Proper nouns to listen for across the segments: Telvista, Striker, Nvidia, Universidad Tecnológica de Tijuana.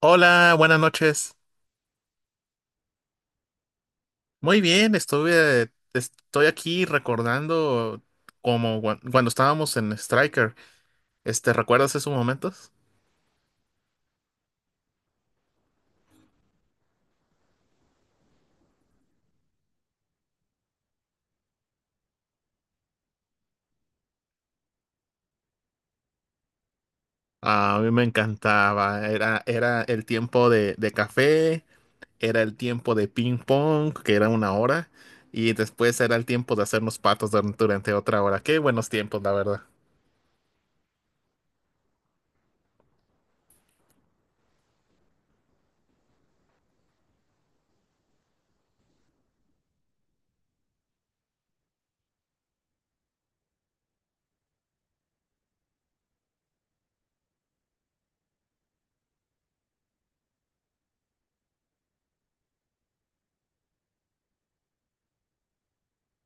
Hola, buenas noches. Muy bien, estoy aquí recordando cuando estábamos en Striker. ¿Recuerdas esos momentos? A mí me encantaba. Era el tiempo de café, era el tiempo de ping pong, que era 1 hora, y después era el tiempo de hacernos patos durante 1 hora más. Qué buenos tiempos, la verdad.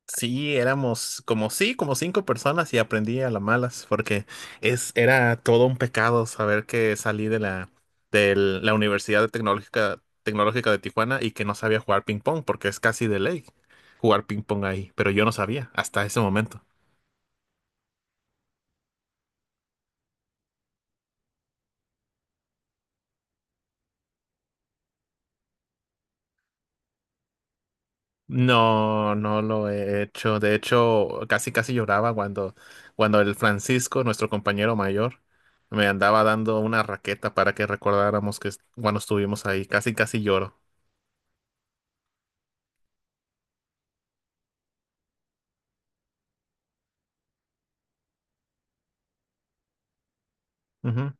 Sí, éramos como, sí, como cinco personas y aprendí a las malas, porque era todo un pecado saber que salí de la, Universidad Tecnológica de Tijuana y que no sabía jugar ping pong, porque es casi de ley jugar ping pong ahí, pero yo no sabía hasta ese momento. No, no lo he hecho. De hecho, casi casi lloraba cuando el Francisco, nuestro compañero mayor, me andaba dando una raqueta para que recordáramos que cuando estuvimos ahí, casi casi lloro. Ujú.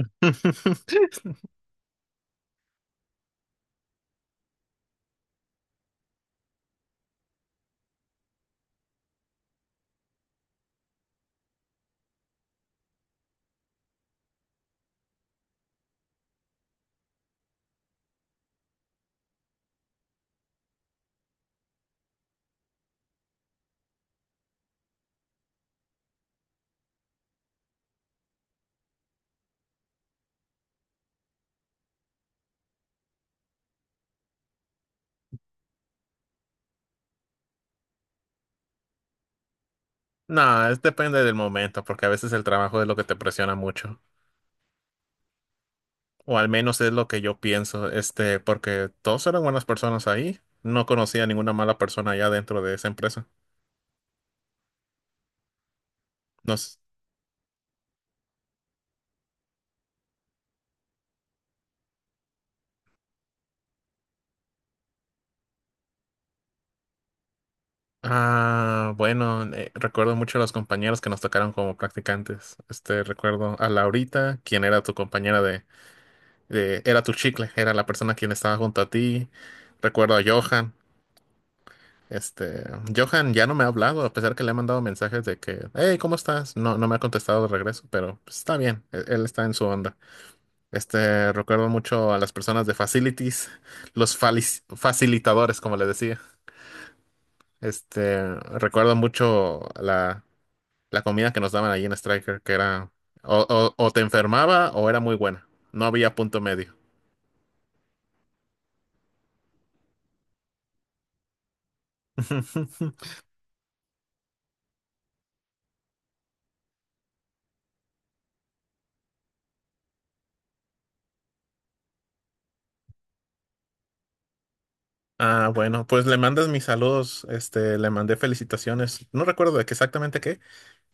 No, es depende del momento, porque a veces el trabajo es lo que te presiona mucho, o al menos es lo que yo pienso, porque todos eran buenas personas ahí, no conocía ninguna mala persona allá dentro de esa empresa. Nos, ah, bueno, recuerdo mucho a los compañeros que nos tocaron como practicantes. Recuerdo a Laurita, quien era tu compañera de, era tu chicle, era la persona quien estaba junto a ti. Recuerdo a Johan. Este, Johan ya no me ha hablado, a pesar que le he mandado mensajes de que, hey, ¿cómo estás? No, no me ha contestado de regreso, pero pues, está bien, él está en su onda. Recuerdo mucho a las personas de facilities, los facilitadores, como les decía. Este, recuerdo mucho la comida que nos daban allí en Striker, que era, o te enfermaba o era muy buena, no había punto medio. Ah, bueno, pues le mandas mis saludos, le mandé felicitaciones, no recuerdo de qué exactamente qué,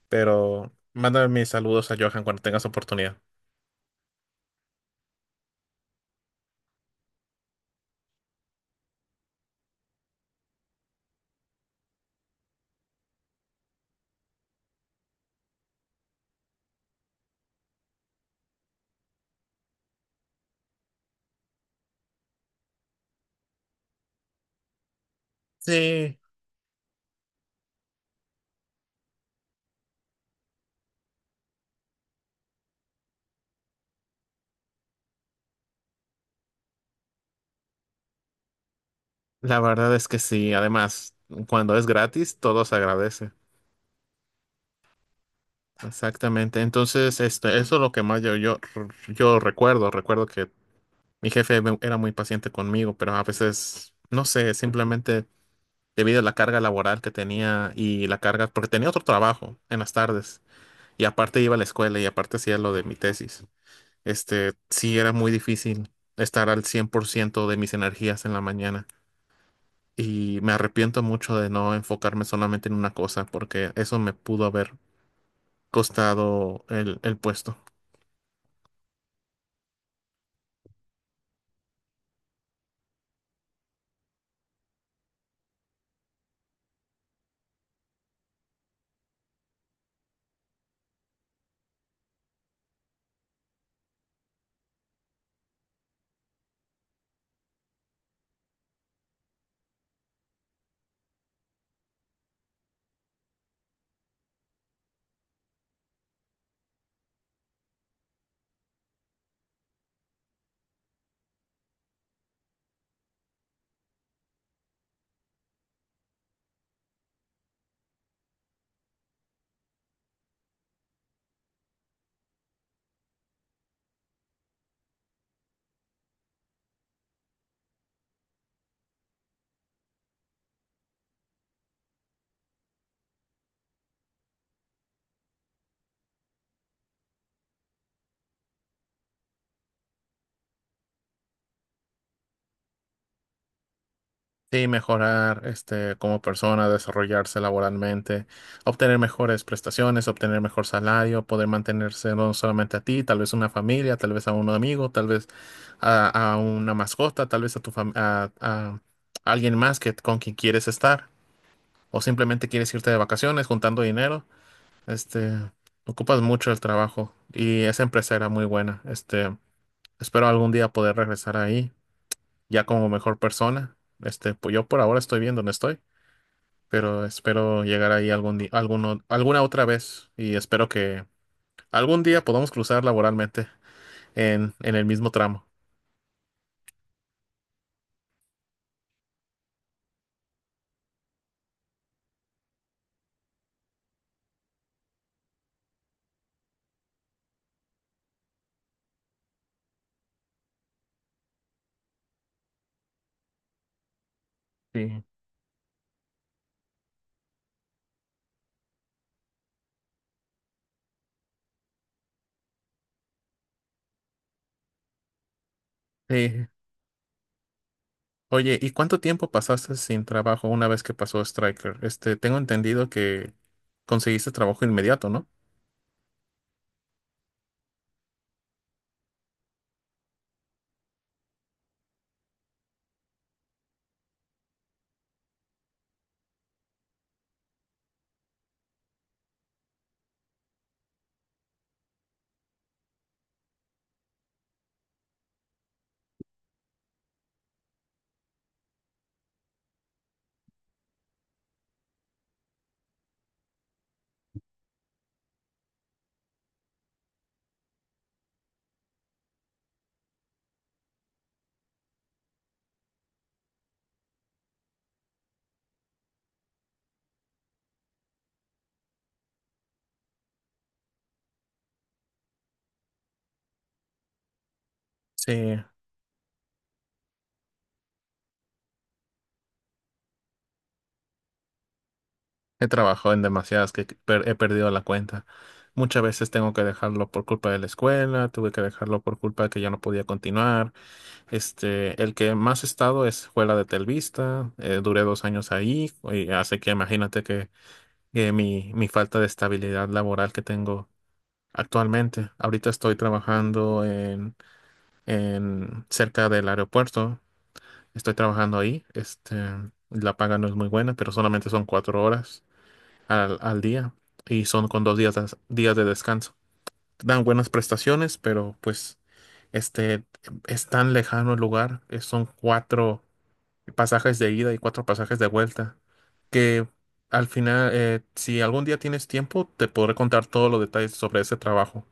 pero mándame mis saludos a Johan cuando tengas oportunidad. Sí, la verdad es que sí. Además, cuando es gratis, todo se agradece. Exactamente. Entonces, eso es lo que más yo recuerdo. Recuerdo que mi jefe era muy paciente conmigo, pero a veces, no sé, simplemente debido a la carga laboral que tenía y la carga, porque tenía otro trabajo en las tardes. Y aparte iba a la escuela y aparte hacía lo de mi tesis. Sí era muy difícil estar al 100% de mis energías en la mañana y me arrepiento mucho de no enfocarme solamente en una cosa porque eso me pudo haber costado el puesto. Sí, mejorar como persona, desarrollarse laboralmente, obtener mejores prestaciones, obtener mejor salario, poder mantenerse no solamente a ti, tal vez una familia, tal vez a un amigo, tal vez a una mascota, tal vez a tu fam- a alguien más que con quien quieres estar, o simplemente quieres irte de vacaciones juntando dinero. este, ocupas mucho el trabajo y esa empresa era muy buena. Espero algún día poder regresar ahí ya como mejor persona. Pues yo por ahora estoy bien donde estoy, pero espero llegar ahí algún día, alguna otra vez y espero que algún día podamos cruzar laboralmente en el mismo tramo. Sí. Sí. Oye, ¿y cuánto tiempo pasaste sin trabajo una vez que pasó Striker? Tengo entendido que conseguiste trabajo inmediato, ¿no? Sí, he trabajado en demasiadas que he perdido la cuenta. Muchas veces tengo que dejarlo por culpa de la escuela, tuve que dejarlo por culpa de que ya no podía continuar. El que más he estado fue la de Telvista. Duré 2 años ahí, y así que imagínate que mi falta de estabilidad laboral que tengo actualmente. Ahorita estoy trabajando en cerca del aeropuerto. Estoy trabajando ahí. La paga no es muy buena, pero solamente son 4 horas al día y son con dos días de descanso. Dan buenas prestaciones, pero pues este es tan lejano el lugar, son cuatro pasajes de ida y cuatro pasajes de vuelta, que al final, si algún día tienes tiempo, te podré contar todos los detalles sobre ese trabajo.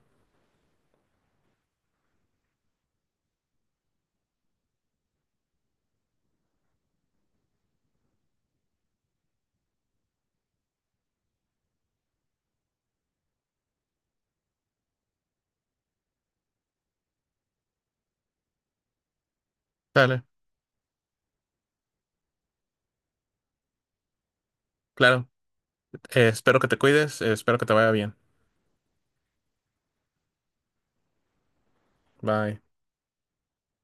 Dale, claro. Espero que te cuides, espero que te vaya bien. Bye.